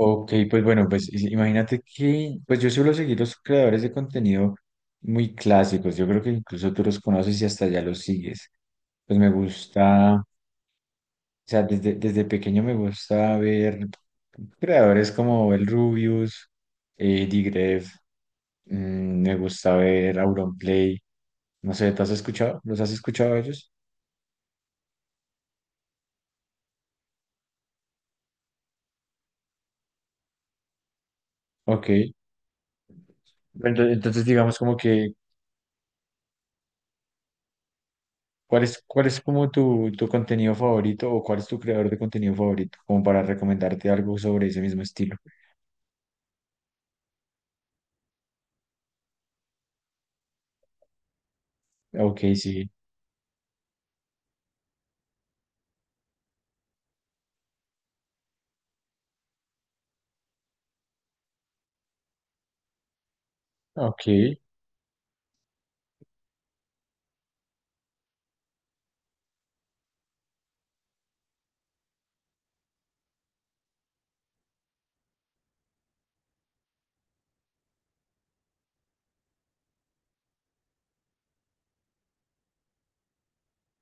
Ok, pues bueno, pues imagínate que, pues yo suelo seguir los creadores de contenido muy clásicos. Yo creo que incluso tú los conoces y hasta ya los sigues. Pues me gusta, o sea, desde pequeño me gusta ver creadores como el Rubius, Digref, me gusta ver Auronplay, no sé, ¿te has escuchado? ¿Los has escuchado a ellos? Ok, entonces digamos como que ¿cuál es, cuál es como tu contenido favorito, o cuál es tu creador de contenido favorito? Como para recomendarte algo sobre ese mismo estilo. Ok, sí. Ok,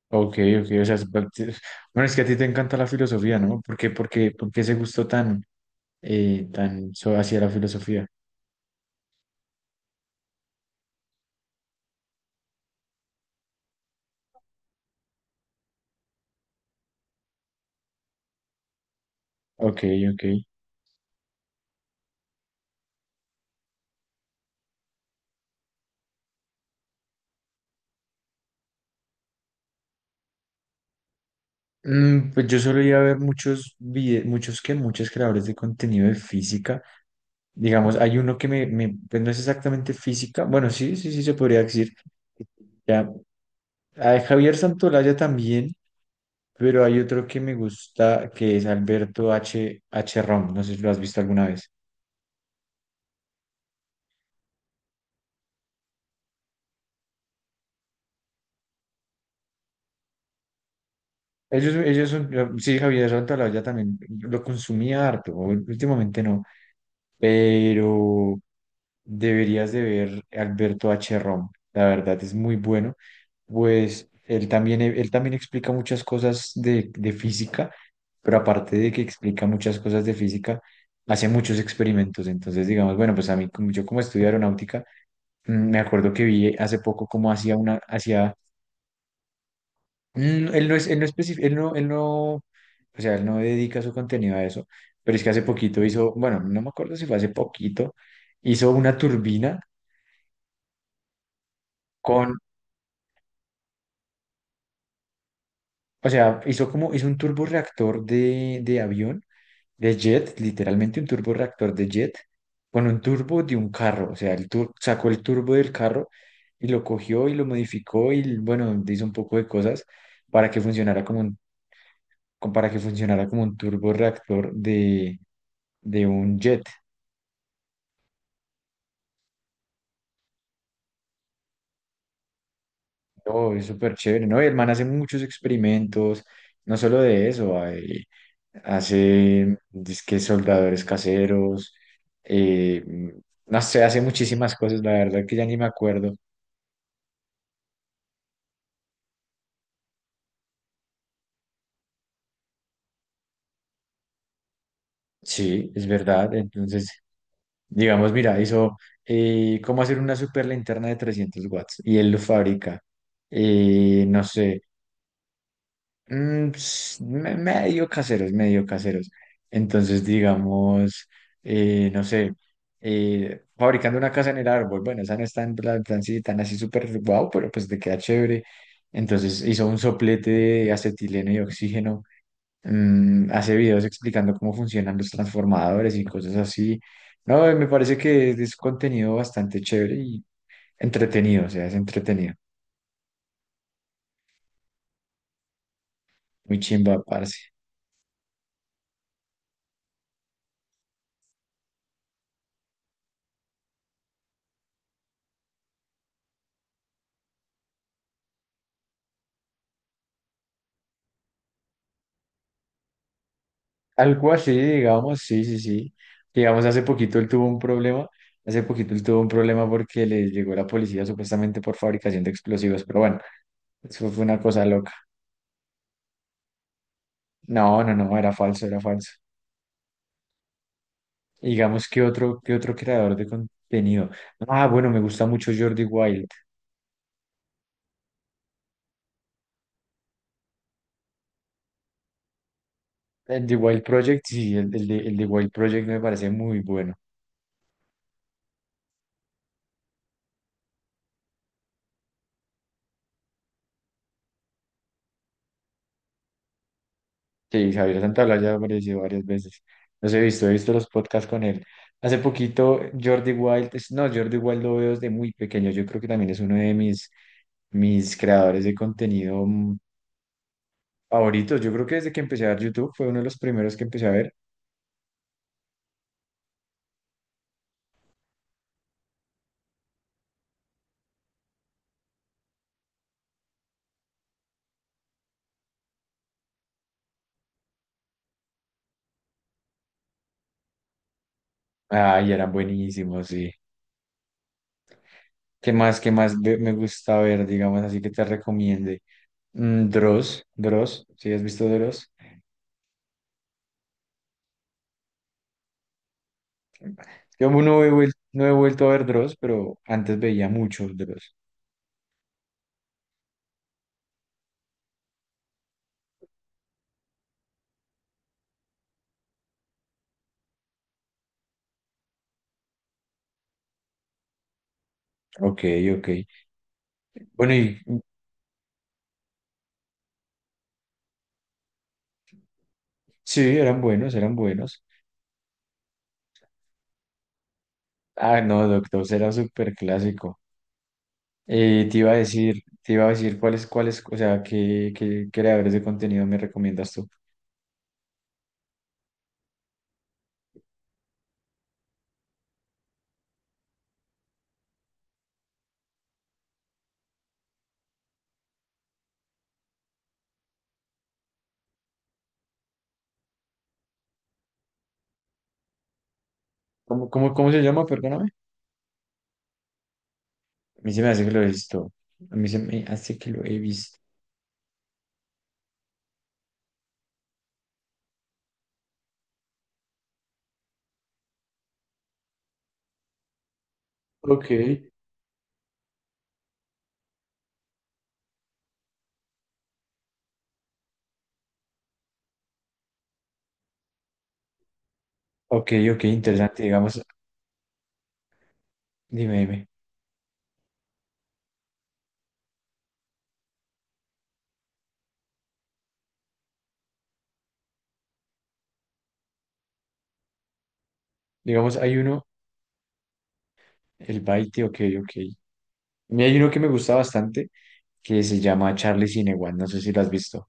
ok, ok. O sea, bueno, es que a ti te encanta la filosofía, ¿no? ¿Por qué, por qué, por qué ese gusto tan, tan hacia la filosofía? Ok, ok. Pues yo solo iba a ver muchos muchos que muchos creadores de contenido de física. Digamos, hay uno que me, pues no es exactamente física. Bueno, sí, sí, sí se podría decir. Ya. A Javier Santolaya también, pero hay otro que me gusta que es Alberto H. H. Rom. No sé si lo has visto alguna vez. Ellos son, sí, Javier Santolaya también lo consumía harto, últimamente no, pero deberías de ver Alberto H. Rom. La verdad es muy bueno, pues él también explica muchas cosas de física, pero aparte de que explica muchas cosas de física, hace muchos experimentos. Entonces, digamos, bueno, pues a mí, yo como estudio aeronáutica, me acuerdo que vi hace poco cómo hacía una, hacía, él no es, él no él no, él no, o sea, él no dedica su contenido a eso, pero es que hace poquito hizo, bueno, no me acuerdo si fue hace poquito, hizo una turbina con, o sea, hizo como, hizo un turborreactor de avión, de jet, literalmente un turborreactor de jet, con un turbo de un carro, o sea, el sacó el turbo del carro y lo cogió y lo modificó y, bueno, hizo un poco de cosas para que funcionara como un, como para que funcionara como un turborreactor de un jet. No, es súper chévere, ¿no? Y el man hace muchos experimentos, no solo de eso, hace disque soldadores caseros, eh, no sé, hace muchísimas cosas, la verdad que ya ni me acuerdo. Sí, es verdad. Entonces, digamos, mira, hizo cómo hacer una super linterna de 300 watts y él lo fabrica. No sé, ps, medio caseros, medio caseros. Entonces, digamos, no sé, fabricando una casa en el árbol, bueno, esa no está en plan, plan sí, tan así súper guau, pero pues te queda chévere. Entonces hizo un soplete de acetileno y oxígeno, hace videos explicando cómo funcionan los transformadores y cosas así. No, me parece que es contenido bastante chévere y entretenido, o sea, es entretenido. Muy chimba, parce. Algo así, digamos, sí, sí, sí. Digamos, hace poquito él tuvo un problema porque le llegó la policía supuestamente por fabricación de explosivos, pero bueno, eso fue una cosa loca. No, no, no, era falso, era falso. Digamos, que otro, ¿qué otro creador de contenido? Ah, bueno, me gusta mucho Jordi Wild. El de Wild Project, sí, el de Wild Project me parece muy bueno. Sí, Javier Santaolalla ya apareció varias veces. Los he visto los podcasts con él. Hace poquito Jordi Wild, no, Jordi Wild lo veo desde muy pequeño. Yo creo que también es uno de mis, mis creadores de contenido favoritos. Yo creo que desde que empecé a ver YouTube fue uno de los primeros que empecé a ver. Ay, eran buenísimos, sí. Qué más me gusta ver, digamos, así que te recomiende? Dross, Dross, ¿sí has visto Dross? Yo no he, no he vuelto a ver Dross, pero antes veía mucho Dross. Ok, ok. Bueno, y sí, eran buenos, eran buenos. Ah, no, Doctor era súper clásico. Te iba a decir, te iba a decir cuáles, cuáles, o sea, qué, qué creadores de contenido me recomiendas tú. ¿Cómo, cómo, cómo se llama? Perdóname. A mí se me hace que lo he visto. A mí se me hace que lo he visto. Ok, ok, ok, interesante. Digamos, dime, dime. Digamos, hay uno, el Baite, ok, ok. Y hay uno que me gusta bastante que se llama Charlie Cinewan. No sé si lo has visto.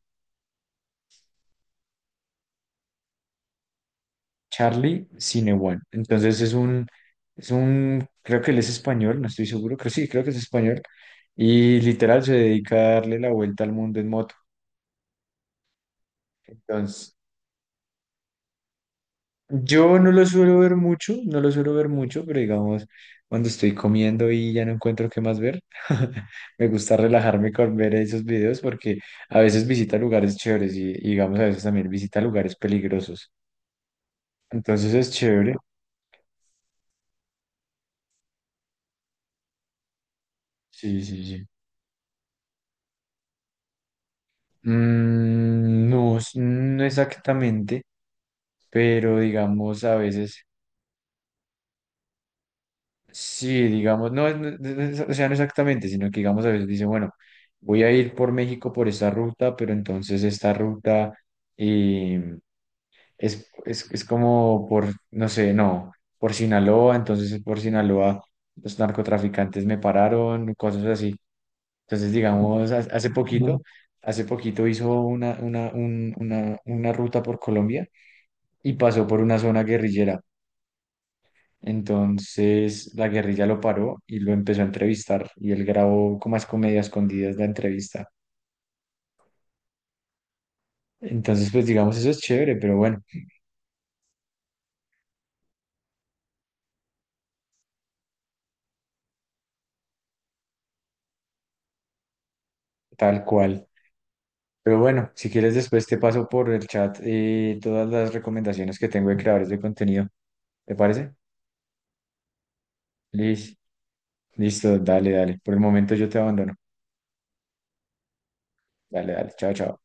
Charlie Cinewan. Entonces es un, creo que él es español, no estoy seguro, creo sí, creo que es español. Y literal se dedica a darle la vuelta al mundo en moto. Entonces, yo no lo suelo ver mucho, no lo suelo ver mucho, pero digamos, cuando estoy comiendo y ya no encuentro qué más ver, me gusta relajarme con ver esos videos porque a veces visita lugares chéveres y digamos, a veces también visita lugares peligrosos. Entonces es chévere. Sí, sí, sí. No, no exactamente, pero digamos a veces, sí, digamos, no, o sea, no exactamente, sino que digamos a veces dice, bueno, voy a ir por México por esta ruta, pero entonces esta ruta eh, es como por, no sé, no, por Sinaloa, entonces por Sinaloa los narcotraficantes me pararon, cosas así. Entonces, digamos, hace poquito hizo una, una ruta por Colombia y pasó por una zona guerrillera. Entonces la guerrilla lo paró y lo empezó a entrevistar y él grabó como es comedia escondidas la entrevista. Entonces, pues digamos, eso es chévere, pero bueno, tal cual. Pero bueno, si quieres después te paso por el chat todas las recomendaciones que tengo de creadores de contenido. ¿Te parece? Liz, listo, dale, dale. Por el momento yo te abandono. Dale, dale, chao, chao.